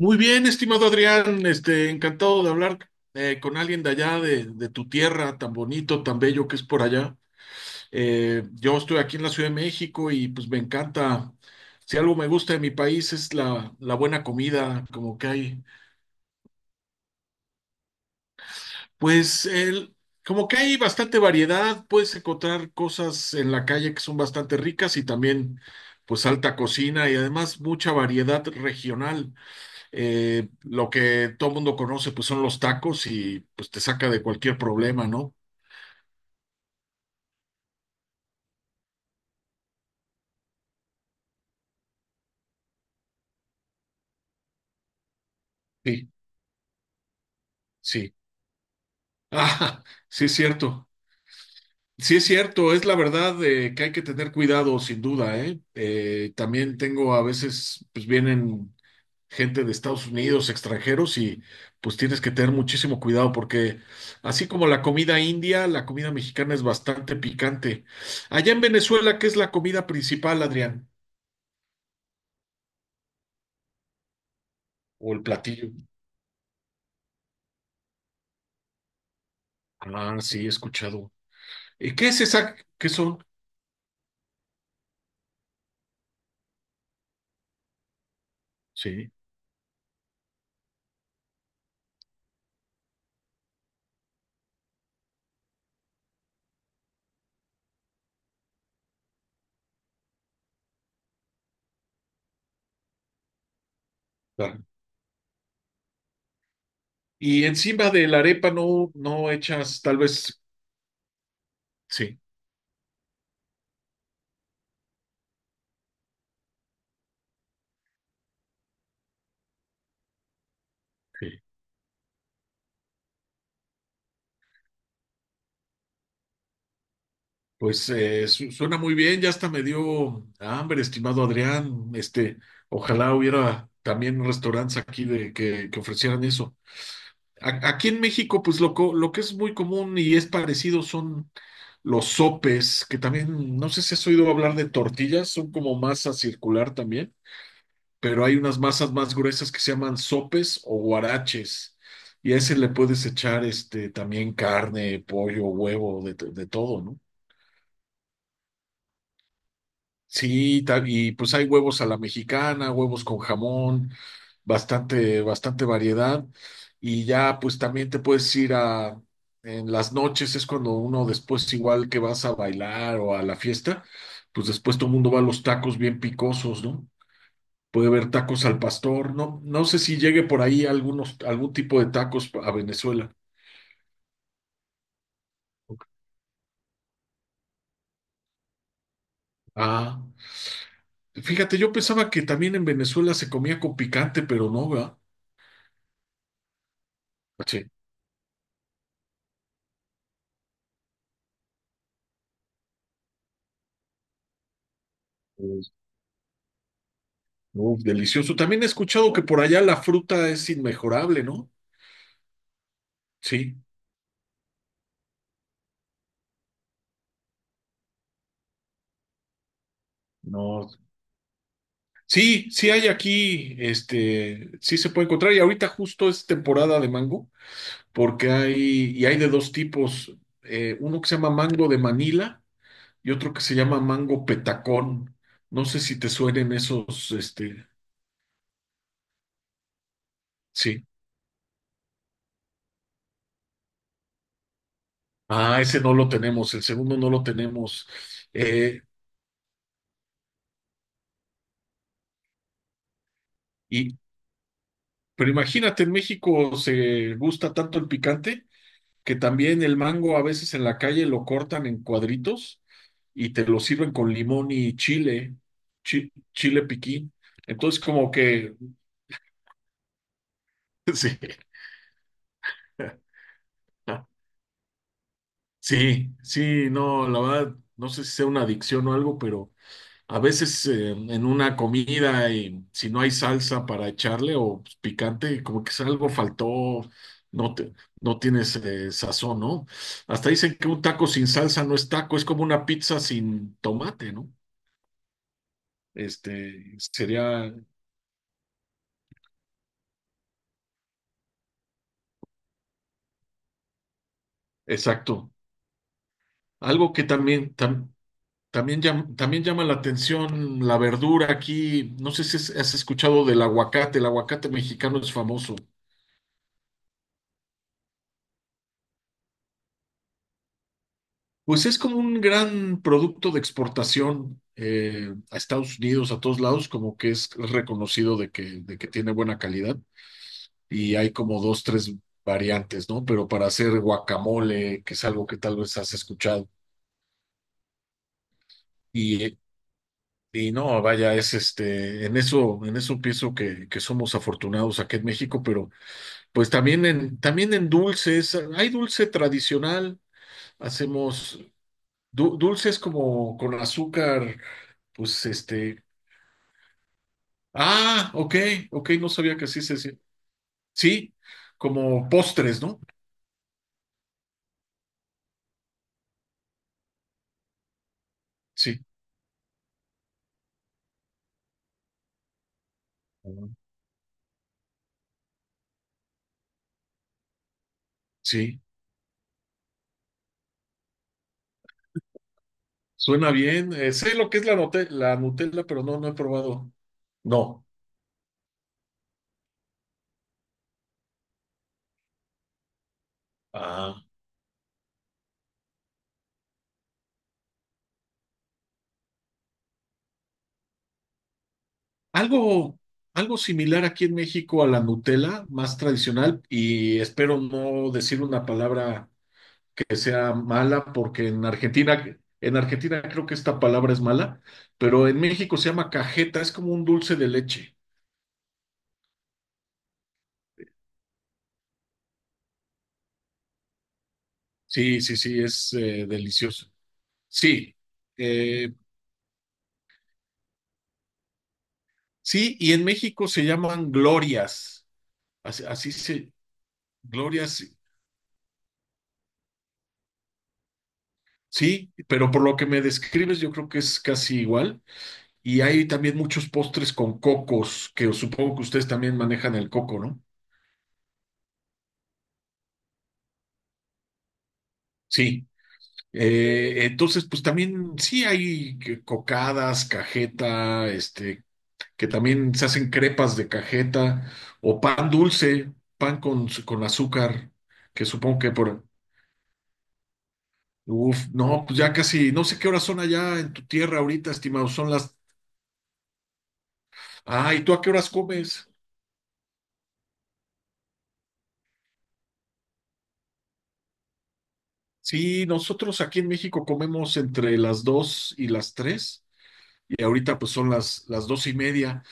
Muy bien, estimado Adrián, encantado de hablar con alguien de allá, de tu tierra, tan bonito, tan bello que es por allá. Yo estoy aquí en la Ciudad de México y pues me encanta, si algo me gusta de mi país es la buena comida, como que hay, pues como que hay bastante variedad, puedes encontrar cosas en la calle que son bastante ricas y también pues alta cocina y además mucha variedad regional. Lo que todo mundo conoce, pues son los tacos y pues te saca de cualquier problema, ¿no? Sí, sí. Ah, sí es cierto. Sí es cierto, es la verdad, que hay que tener cuidado, sin duda, ¿eh? También tengo a veces, pues vienen gente de Estados Unidos, extranjeros, y pues tienes que tener muchísimo cuidado porque así como la comida india, la comida mexicana es bastante picante. Allá en Venezuela, ¿qué es la comida principal, Adrián? O el platillo. Ah, sí, he escuchado. ¿Y qué es esa? ¿Qué son? Sí, claro. Y encima de la arepa no, no echas, tal vez, sí. Sí, pues suena muy bien, ya hasta me dio hambre, estimado Adrián. Ojalá hubiera también restaurantes aquí de que ofrecieran eso. Aquí en México, pues lo que es muy común y es parecido son los sopes, que también, no sé si has oído hablar de tortillas, son como masa circular también. Pero hay unas masas más gruesas que se llaman sopes o guaraches. Y a ese le puedes echar este también carne, pollo, huevo, de todo, ¿no? Sí, y pues hay huevos a la mexicana, huevos con jamón, bastante, bastante variedad. Y ya pues también te puedes ir a, en las noches es cuando uno después igual que vas a bailar o a la fiesta, pues después todo el mundo va a los tacos bien picosos, ¿no? Puede haber tacos al pastor. No, no sé si llegue por ahí algunos, algún tipo de tacos a Venezuela. Ah, fíjate, yo pensaba que también en Venezuela se comía con picante, pero no, ¿verdad? Sí. Pues, uf, delicioso. También he escuchado que por allá la fruta es inmejorable, ¿no? Sí, no. Sí, sí hay aquí, sí se puede encontrar y ahorita justo es temporada de mango porque hay, y hay de dos tipos, uno que se llama mango de Manila y otro que se llama mango petacón. No sé si te suenen esos, sí. Ah, ese no lo tenemos, el segundo no lo tenemos. Eh, y, pero imagínate, en México se gusta tanto el picante que también el mango a veces en la calle lo cortan en cuadritos y te lo sirven con limón y chile, chile piquín. Entonces, como que, sí. Sí, sí, no, la verdad, no sé si sea una adicción o algo, pero a veces, en una comida, y si no hay salsa para echarle o picante, como que es algo faltó, no te, no tienes, sazón, ¿no? Hasta dicen que un taco sin salsa no es taco, es como una pizza sin tomate, ¿no? Este sería exacto. Algo que también también también llama la atención la verdura aquí. No sé si has escuchado del aguacate. El aguacate mexicano es famoso. Pues es como un gran producto de exportación, a Estados Unidos, a todos lados, como que es reconocido de que tiene buena calidad y hay como dos, tres variantes, ¿no? Pero para hacer guacamole, que es algo que tal vez has escuchado, y, eh, y no, vaya, es en eso pienso que somos afortunados aquí en México, pero pues también en, también en dulces, hay dulce tradicional, hacemos dulces como con azúcar, pues ah, ok, ok, no sabía que así se decía. Sí, como postres, ¿no? Sí, sí, suena bien. Sé lo que es la Nutella, pero no, no he probado. No. Ah, algo, algo similar aquí en México a la Nutella, más tradicional, y espero no decir una palabra que sea mala, porque en Argentina creo que esta palabra es mala, pero en México se llama cajeta, es como un dulce de leche. Sí, sí, sí, es, delicioso. Sí, eh, sí, y en México se llaman glorias, así, así se, glorias, sí, pero por lo que me describes yo creo que es casi igual. Y hay también muchos postres con cocos, que supongo que ustedes también manejan el coco, ¿no? Sí, entonces pues también sí hay cocadas, cajeta, que también se hacen crepas de cajeta o pan dulce, pan con azúcar, que supongo que por... Uf, no, pues ya casi, no sé qué horas son allá en tu tierra ahorita, estimado, son las... Ah, ¿y tú a qué horas comes? Sí, nosotros aquí en México comemos entre las 2 y las 3, y ahorita pues son las 2 y media,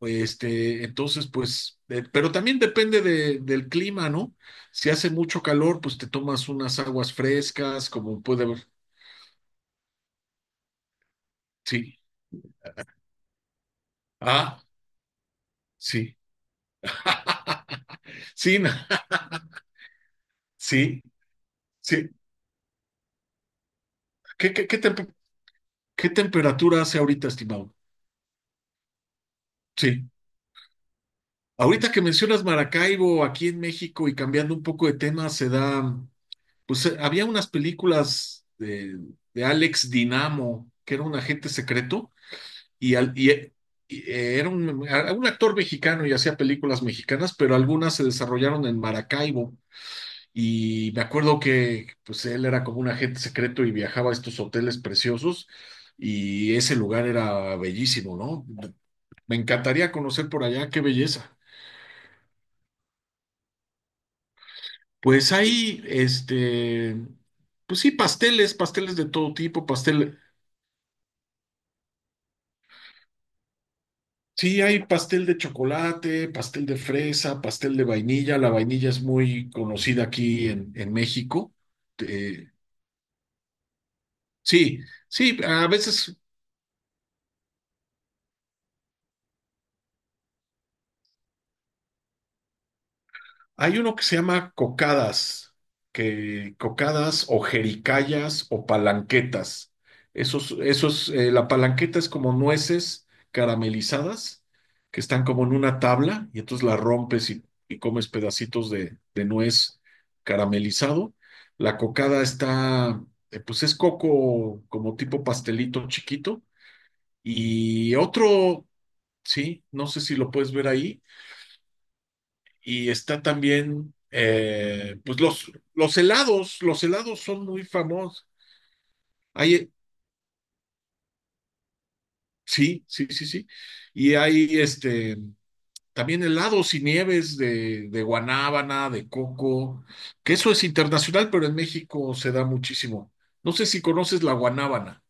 entonces pues, pero también depende del clima, ¿no? Si hace mucho calor, pues te tomas unas aguas frescas, como puede ver. Sí, ah, sí, sí, na- sí, sí, ¿qué, qué, qué, tem- ¿Qué temperatura hace ahorita, estimado? Sí. Ahorita que mencionas Maracaibo, aquí en México, y cambiando un poco de tema, se da, pues, había unas películas de Alex Dinamo, que era un agente secreto, y, al- y, eh, era un, un actor mexicano y hacía películas mexicanas, pero algunas se desarrollaron en Maracaibo. Y me acuerdo que pues él era como un agente secreto y viajaba a estos hoteles preciosos y ese lugar era bellísimo, ¿no? Me encantaría conocer por allá, qué belleza. Pues hay, pues sí, pasteles, pasteles de todo tipo, pastel, sí, hay pastel de chocolate, pastel de fresa, pastel de vainilla. La vainilla es muy conocida aquí en México. Eh, sí, sí, a veces hay uno que se llama cocadas, que cocadas o jericayas o palanquetas. Esos, esos, la palanqueta es como nueces caramelizadas que están como en una tabla y entonces la rompes y comes pedacitos de nuez caramelizado. La cocada está, pues es coco como tipo pastelito chiquito. Y otro, sí, no sé si lo puedes ver ahí y está también, pues los helados, los helados son muy famosos. Hay, sí, sí, sí, sí. Y hay también helados y nieves de guanábana, de coco, que eso es internacional, pero en México se da muchísimo. No sé si conoces la guanábana.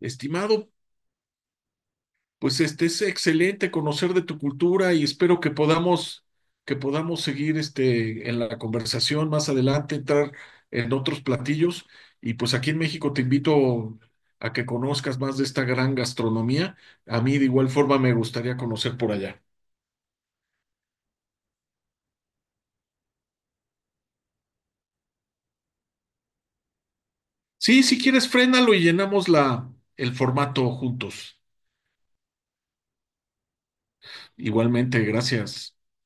Estimado, pues este es excelente conocer de tu cultura y espero que podamos, que podamos seguir en la conversación más adelante, entrar en otros platillos y pues aquí en México te invito a que conozcas más de esta gran gastronomía. A mí de igual forma me gustaría conocer por allá. Sí, si quieres, frénalo y llenamos la el formato juntos. Igualmente, gracias.